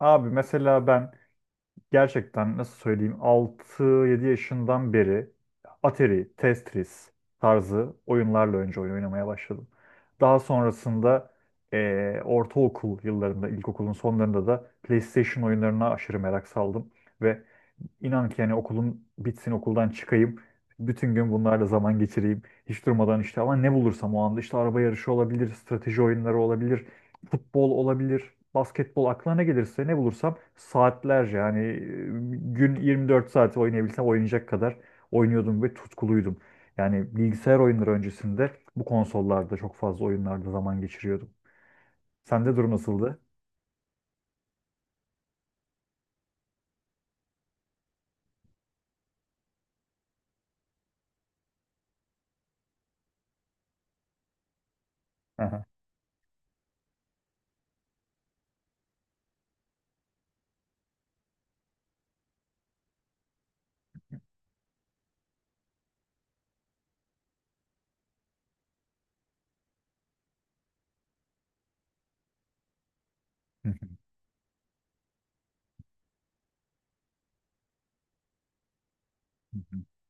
Abi mesela ben gerçekten nasıl söyleyeyim 6 7 yaşından beri Atari, Tetris tarzı oyunlarla önce oyun oynamaya başladım. Daha sonrasında ortaokul yıllarında, ilkokulun sonlarında da PlayStation oyunlarına aşırı merak saldım. Ve inan ki yani okulum bitsin okuldan çıkayım. Bütün gün bunlarla zaman geçireyim. Hiç durmadan işte ama ne bulursam o anda işte araba yarışı olabilir, strateji oyunları olabilir, futbol olabilir, basketbol aklına ne gelirse ne bulursam saatlerce yani gün 24 saat oynayabilsem oynayacak kadar oynuyordum ve tutkuluydum. Yani bilgisayar oyunları öncesinde bu konsollarda çok fazla oyunlarda zaman geçiriyordum. Sende durum nasıldı? Aha.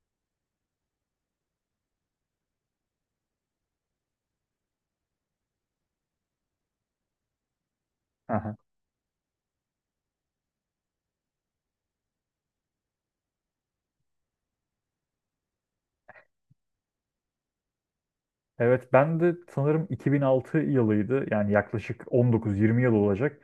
Aha. Evet ben de sanırım 2006 yılıydı. Yani yaklaşık 19-20 yıl olacak.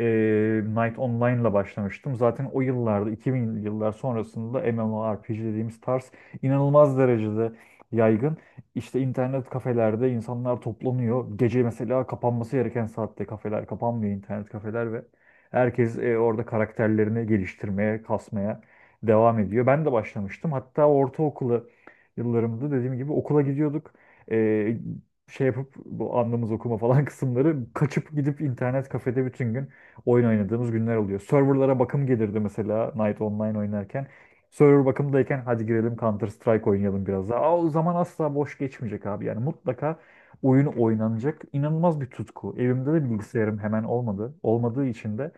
Knight Online'la başlamıştım. Zaten o yıllarda 2000'li yıllar sonrasında MMORPG dediğimiz tarz inanılmaz derecede yaygın. İşte internet kafelerde insanlar toplanıyor. Gece mesela kapanması gereken saatte kafeler kapanmıyor internet kafeler ve herkes orada karakterlerini geliştirmeye, kasmaya devam ediyor. Ben de başlamıştım. Hatta ortaokulu yıllarımda dediğim gibi okula gidiyorduk e, şey yapıp bu anlamız okuma falan kısımları kaçıp gidip internet kafede bütün gün oyun oynadığımız günler oluyor. Serverlara bakım gelirdi mesela Night Online oynarken. Server bakımdayken hadi girelim Counter Strike oynayalım biraz daha. Aa, o zaman asla boş geçmeyecek abi yani mutlaka oyun oynanacak. İnanılmaz bir tutku. Evimde de bilgisayarım hemen olmadı. Olmadığı için de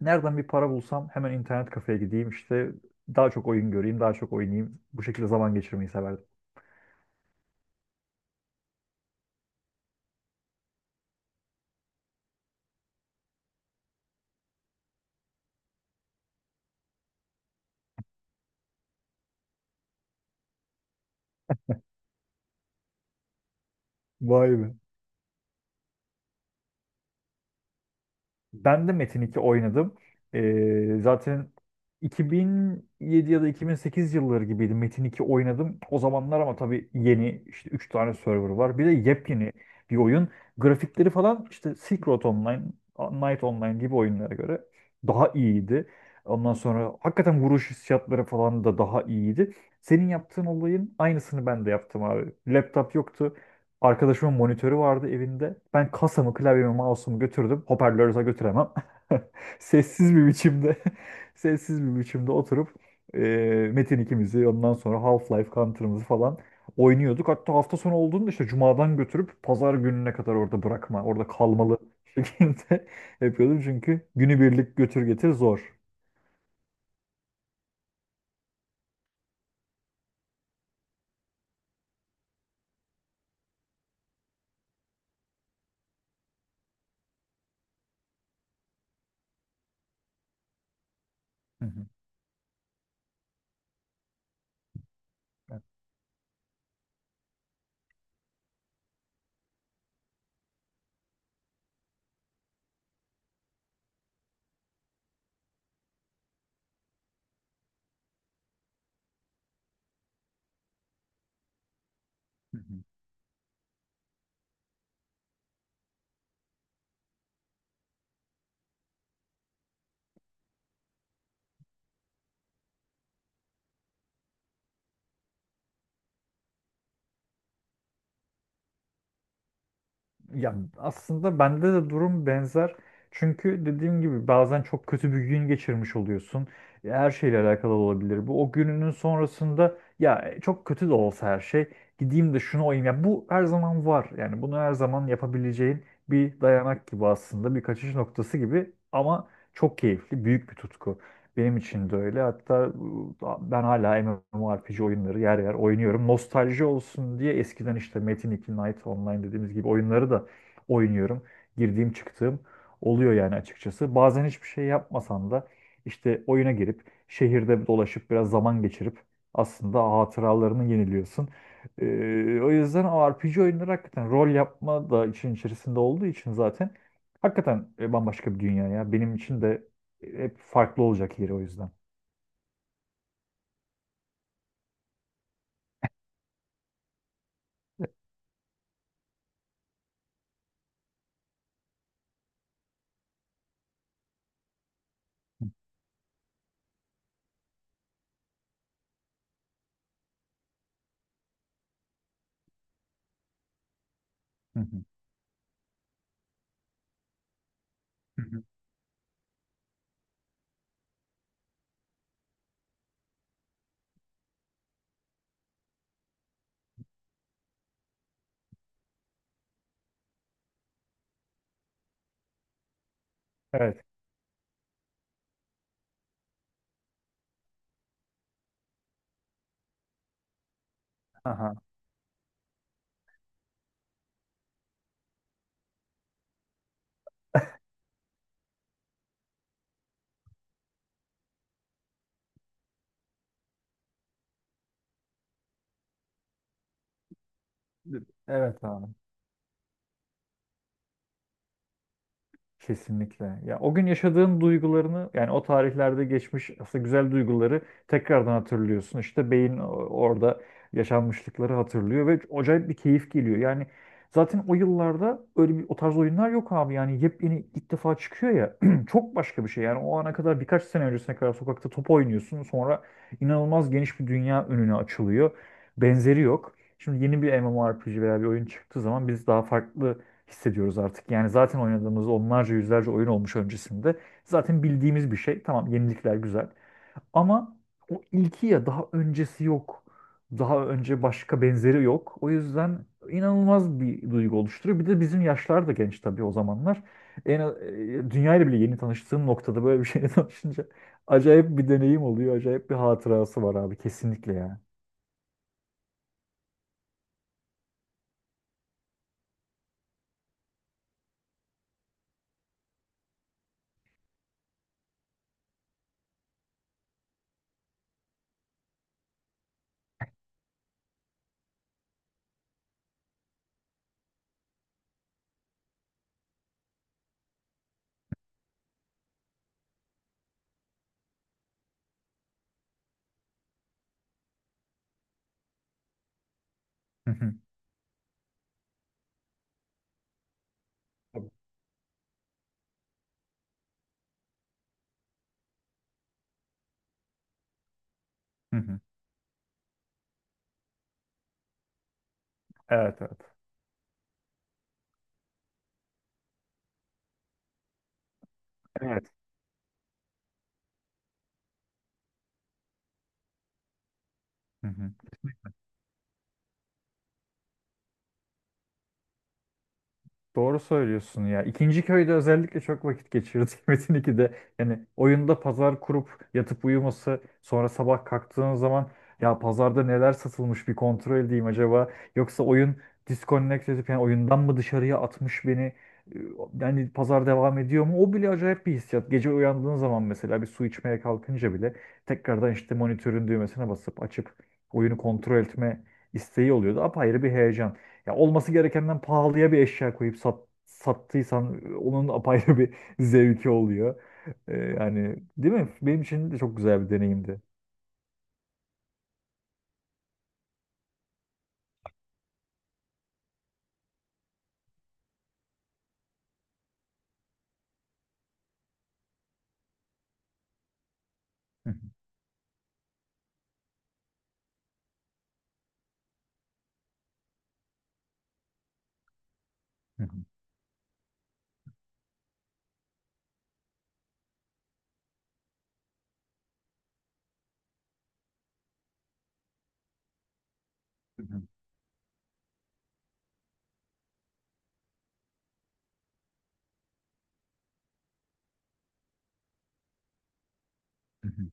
nereden bir para bulsam hemen internet kafeye gideyim işte daha çok oyun göreyim, daha çok oynayayım. Bu şekilde zaman geçirmeyi severdim. Vay be. Ben de Metin 2 oynadım. Zaten 2007 ya da 2008 yılları gibiydi Metin 2 oynadım. O zamanlar ama tabii yeni işte 3 tane server var. Bir de yepyeni bir oyun. Grafikleri falan işte Silk Road Online, Night Online gibi oyunlara göre daha iyiydi. Ondan sonra hakikaten vuruş hissiyatları falan da daha iyiydi. Senin yaptığın olayın aynısını ben de yaptım abi. Laptop yoktu. Arkadaşımın monitörü vardı evinde. Ben kasamı, klavyemi, mouse'umu götürdüm. Hoparlörü zaten götüremem. Sessiz bir biçimde, sessiz bir biçimde oturup e, Metin ikimizi, ondan sonra Half-Life Counter'ımızı falan oynuyorduk. Hatta hafta sonu olduğunda işte cumadan götürüp pazar gününe kadar orada bırakma, orada kalmalı şekilde yapıyordum. Çünkü günübirlik götür getir zor. Hı hı. Hı hı. Ya aslında bende de durum benzer. Çünkü dediğim gibi bazen çok kötü bir gün geçirmiş oluyorsun. E, her şeyle alakalı olabilir bu. O gününün sonrasında ya çok kötü de olsa her şey gideyim de şunu olayım. Ya bu her zaman var. Yani bunu her zaman yapabileceğin bir dayanak gibi aslında bir kaçış noktası gibi ama çok keyifli, büyük bir tutku. Benim için de öyle. Hatta ben hala MMORPG oyunları yer yer oynuyorum. Nostalji olsun diye eskiden işte Metin 2 Night Online dediğimiz gibi oyunları da oynuyorum. Girdiğim çıktığım oluyor yani açıkçası. Bazen hiçbir şey yapmasam da işte oyuna girip şehirde dolaşıp biraz zaman geçirip aslında hatıralarını yeniliyorsun. E, o yüzden o RPG oyunları hakikaten rol yapma da için içerisinde olduğu için zaten hakikaten bambaşka bir dünya ya. Benim için de hep farklı olacak yeri o yüzden. Hı hı. Hı hı. Evet. Aha. Evet abi. Kesinlikle. Ya o gün yaşadığın duygularını yani o tarihlerde geçmiş aslında güzel duyguları tekrardan hatırlıyorsun. İşte beyin orada yaşanmışlıkları hatırlıyor ve acayip bir keyif geliyor. Yani zaten o yıllarda öyle bir o tarz oyunlar yok abi. Yani yepyeni ilk defa çıkıyor ya. Çok başka bir şey. Yani o ana kadar birkaç sene öncesine kadar sokakta top oynuyorsun. Sonra inanılmaz geniş bir dünya önüne açılıyor. Benzeri yok. Şimdi yeni bir MMORPG veya bir oyun çıktığı zaman biz daha farklı hissediyoruz artık. Yani zaten oynadığımız onlarca yüzlerce oyun olmuş öncesinde. Zaten bildiğimiz bir şey. Tamam yenilikler güzel. Ama o ilki ya daha öncesi yok. Daha önce başka benzeri yok. O yüzden inanılmaz bir duygu oluşturuyor. Bir de bizim yaşlar da genç tabii o zamanlar. Dünyayla bile yeni tanıştığım noktada böyle bir şeyle tanışınca acayip bir deneyim oluyor. Acayip bir hatırası var abi kesinlikle yani. Hı hı. Hı hı. Evet, evet. Evet. Hı hı. Doğru söylüyorsun ya. İkinci köyde özellikle çok vakit geçirdik Metin 2'de. Yani oyunda pazar kurup yatıp uyuması, sonra sabah kalktığın zaman ya pazarda neler satılmış bir kontrol edeyim acaba. Yoksa oyun disconnect edip yani oyundan mı dışarıya atmış beni? Ee, Yani pazar devam ediyor mu? O bile acayip bir hissiyat. Gece uyandığın zaman mesela bir su içmeye kalkınca bile tekrardan işte monitörün düğmesine basıp açıp oyunu kontrol etme isteği oluyordu. Apayrı bir heyecan. Ya olması gerekenden pahalıya bir eşya koyup sat, sattıysan onun apayrı bir zevki oluyor. Yani değil mi? Benim için de çok güzel bir deneyimdi. Hı hı, hı hı, hı hı, hı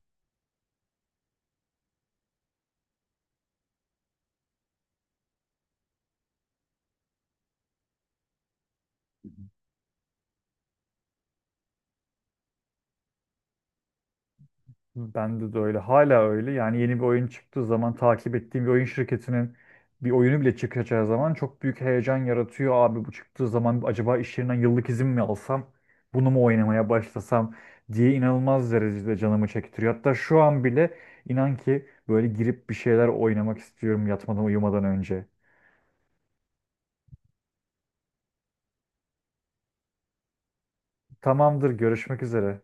hı. Bende de öyle. Hala öyle. Yani yeni bir oyun çıktığı zaman takip ettiğim bir oyun şirketinin bir oyunu bile çıkacağı zaman çok büyük heyecan yaratıyor. Abi bu çıktığı zaman acaba iş yerinden yıllık izin mi alsam? Bunu mu oynamaya başlasam diye inanılmaz derecede canımı çektiriyor. Hatta şu an bile inan ki böyle girip bir şeyler oynamak istiyorum yatmadan uyumadan önce. Tamamdır, görüşmek üzere.